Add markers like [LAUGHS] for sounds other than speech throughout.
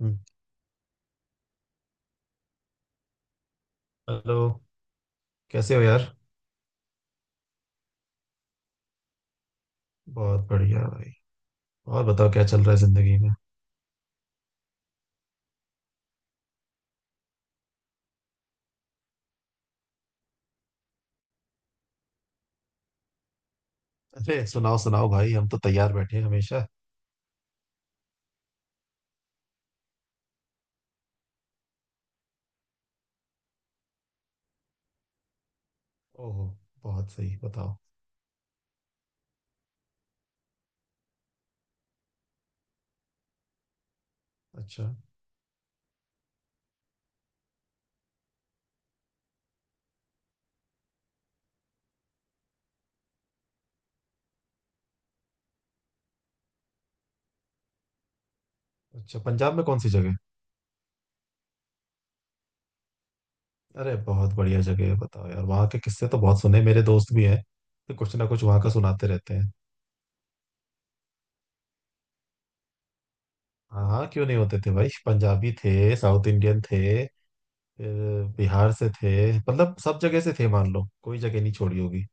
हम्म, hello. कैसे हो यार। बहुत बढ़िया भाई। और बताओ क्या चल रहा है जिंदगी में। अरे सुनाओ सुनाओ भाई, हम तो तैयार बैठे हैं हमेशा। ओहो, बहुत सही, बताओ। अच्छा। अच्छा पंजाब में कौन सी जगह। अरे बहुत बढ़िया जगह है, बताओ यार, वहाँ के किस्से तो बहुत सुने, मेरे दोस्त भी हैं तो कुछ ना कुछ वहाँ का सुनाते रहते हैं। हाँ हाँ, क्यों नहीं होते थे भाई, पंजाबी थे, साउथ इंडियन थे, फिर बिहार से थे, मतलब सब जगह से थे, मान लो कोई जगह नहीं छोड़ी होगी।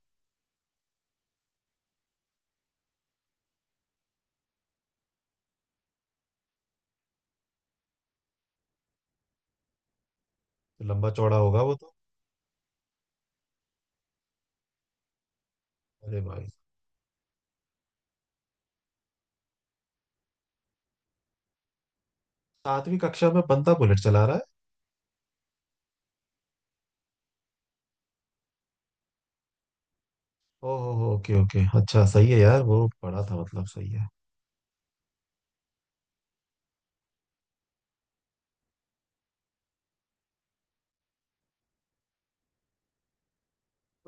लंबा चौड़ा होगा वो तो। अरे भाई। सातवीं कक्षा में बंदा बुलेट चला रहा है। ओहो हो, ओके ओके, अच्छा सही है यार, वो पढ़ा था मतलब, सही है।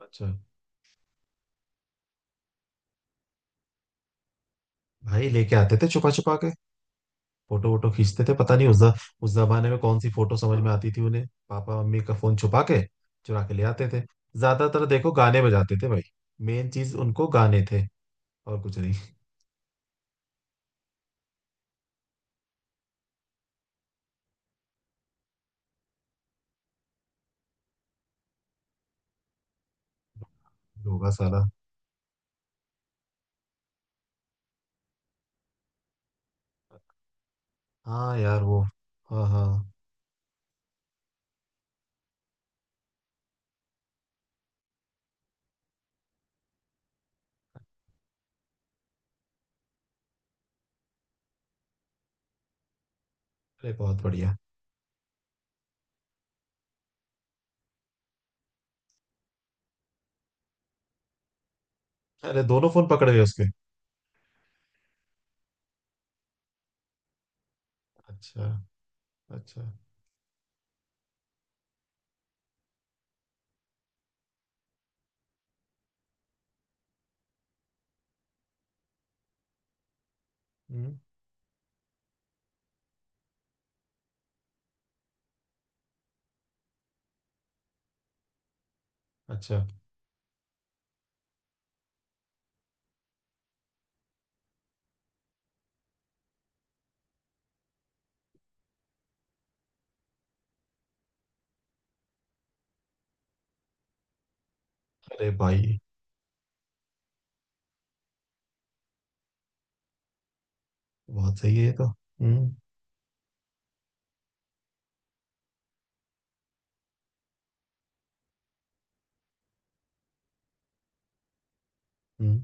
अच्छा। भाई लेके आते थे, छुपा छुपा के फोटो वोटो खींचते थे, पता नहीं उस जमाने में कौन सी फोटो समझ में आती थी उन्हें। पापा मम्मी का फोन छुपा के चुरा के ले आते थे। ज्यादातर देखो गाने बजाते थे भाई, मेन चीज उनको गाने थे और कुछ नहीं। होगा साला। हाँ यार वो। हाँ हाँ। अरे बहुत बढ़िया। अरे दोनों फोन पकड़े हुए उसके। अच्छा। अच्छा। हम्म। अच्छा। अरे भाई। बहुत सही है ये तो। हम्म। हम्म,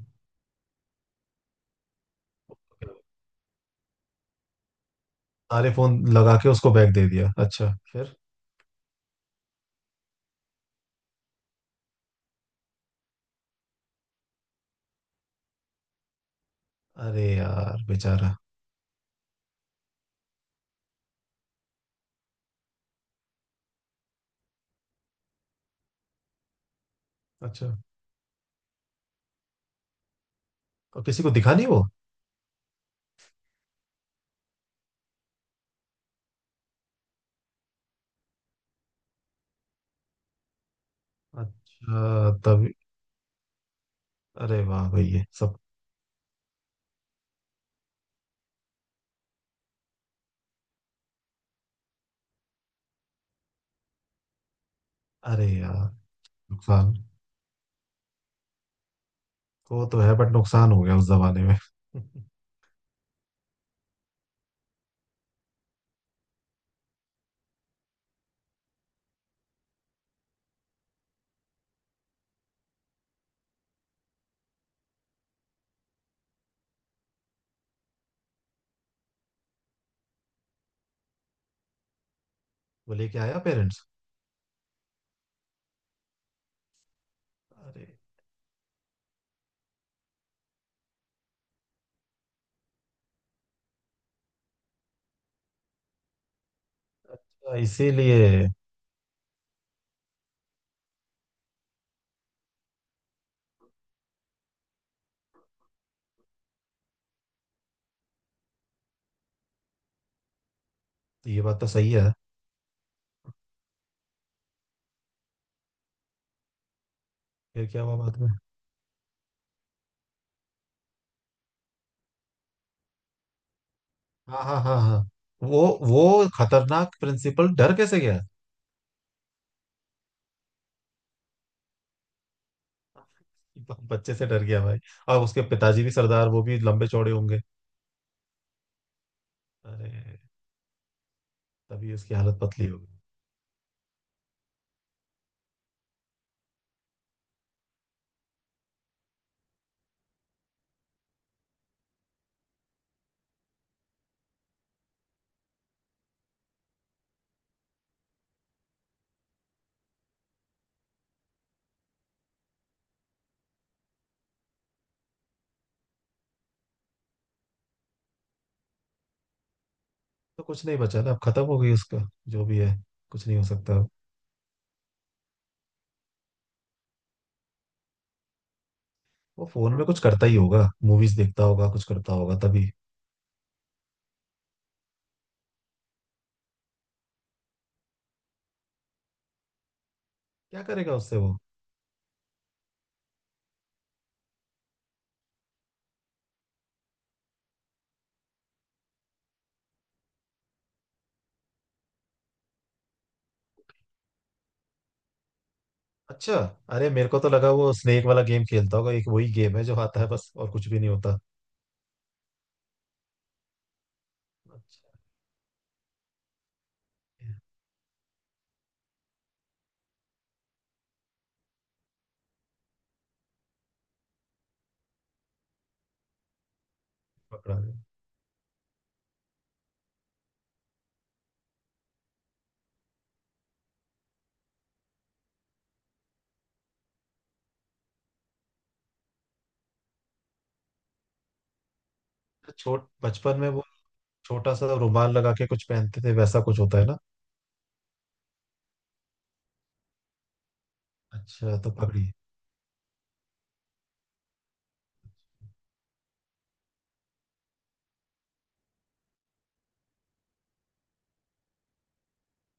अरे फोन लगा के उसको बैग दे दिया, अच्छा। फिर। अरे यार बेचारा। अच्छा। और किसी को दिखा नहीं वो। अच्छा तभी। अरे वाह भाई ये सब। अरे यार। नुकसान। वो तो है, बट नुकसान हो गया उस जमाने में [LAUGHS] वो लेके आया पेरेंट्स। अरे। अच्छा, इसीलिए। ये बात तो सही है। फिर क्या हुआ बाद में। हाँ हाँ हाँ हाँ। वो। वो खतरनाक प्रिंसिपल डर कैसे गया। [LAUGHS] बच्चे से डर गया भाई। और उसके पिताजी भी सरदार, वो भी लंबे चौड़े होंगे। अरे। तभी उसकी हालत पतली होगी। तो कुछ नहीं बचा ना, अब खत्म हो गई उसका, जो भी है, कुछ नहीं हो सकता अब। वो फोन में कुछ करता ही होगा, मूवीज देखता होगा, कुछ करता होगा तभी। क्या करेगा उससे वो। अच्छा। अरे मेरे को तो लगा वो स्नेक वाला गेम खेलता होगा, एक वही गेम है जो आता है बस, और कुछ भी नहीं होता। अच्छा। पकड़ा। छोट बचपन में वो छोटा सा रुमाल लगा के कुछ पहनते थे, वैसा कुछ होता है ना। अच्छा तो पगड़ी।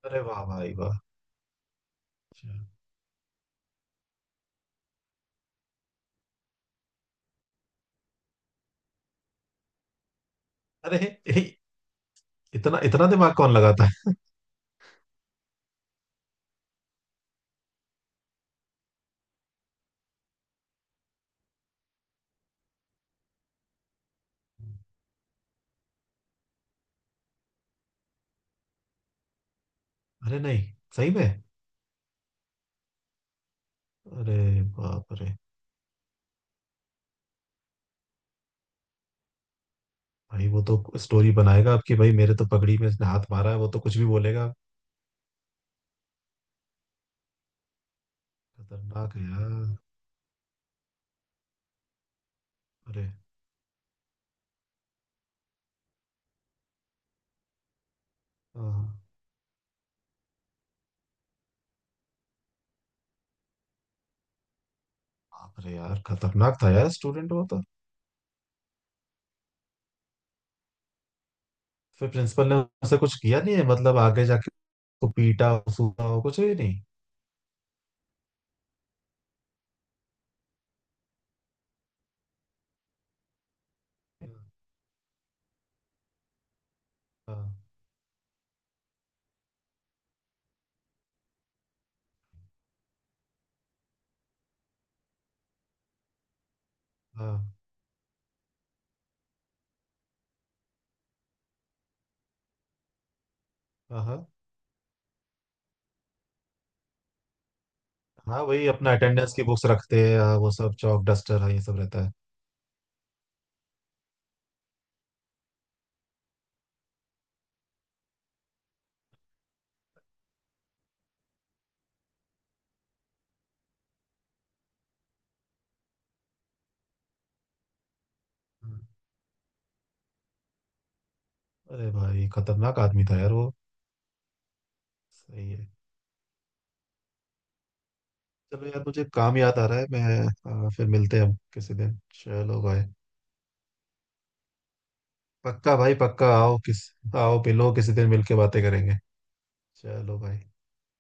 अरे वाह भाई वाह। अच्छा। अरे, ए, इतना इतना दिमाग कौन लगाता है। अरे नहीं, सही में। अरे। बाप रे। भाई वो तो स्टोरी बनाएगा आपकी भाई, मेरे तो पगड़ी में इसने हाथ मारा है, वो तो कुछ भी बोलेगा। खतरनाक है यार। अरे। हाँ, बाप रे यार, खतरनाक था यार स्टूडेंट वो तो। फिर प्रिंसिपल ने उसे कुछ किया नहीं है मतलब, आगे जाके उसको पीटा सूटा हो, कुछ भी नहीं। हाँ। हाँ हाँ हाँ हाँ। वही अपना अटेंडेंस की बुक्स रखते हैं, हाँ, वो सब चौक डस्टर है ये सब रहता है। हम्म, अरे भाई खतरनाक आदमी था यार वो। सही है। चलो यार, मुझे काम याद आ रहा है, मैं फिर मिलते हैं हम किसी दिन। चलो भाई। पक्का भाई पक्का, आओ मिलो किसी दिन, मिलके बातें करेंगे। चलो भाई।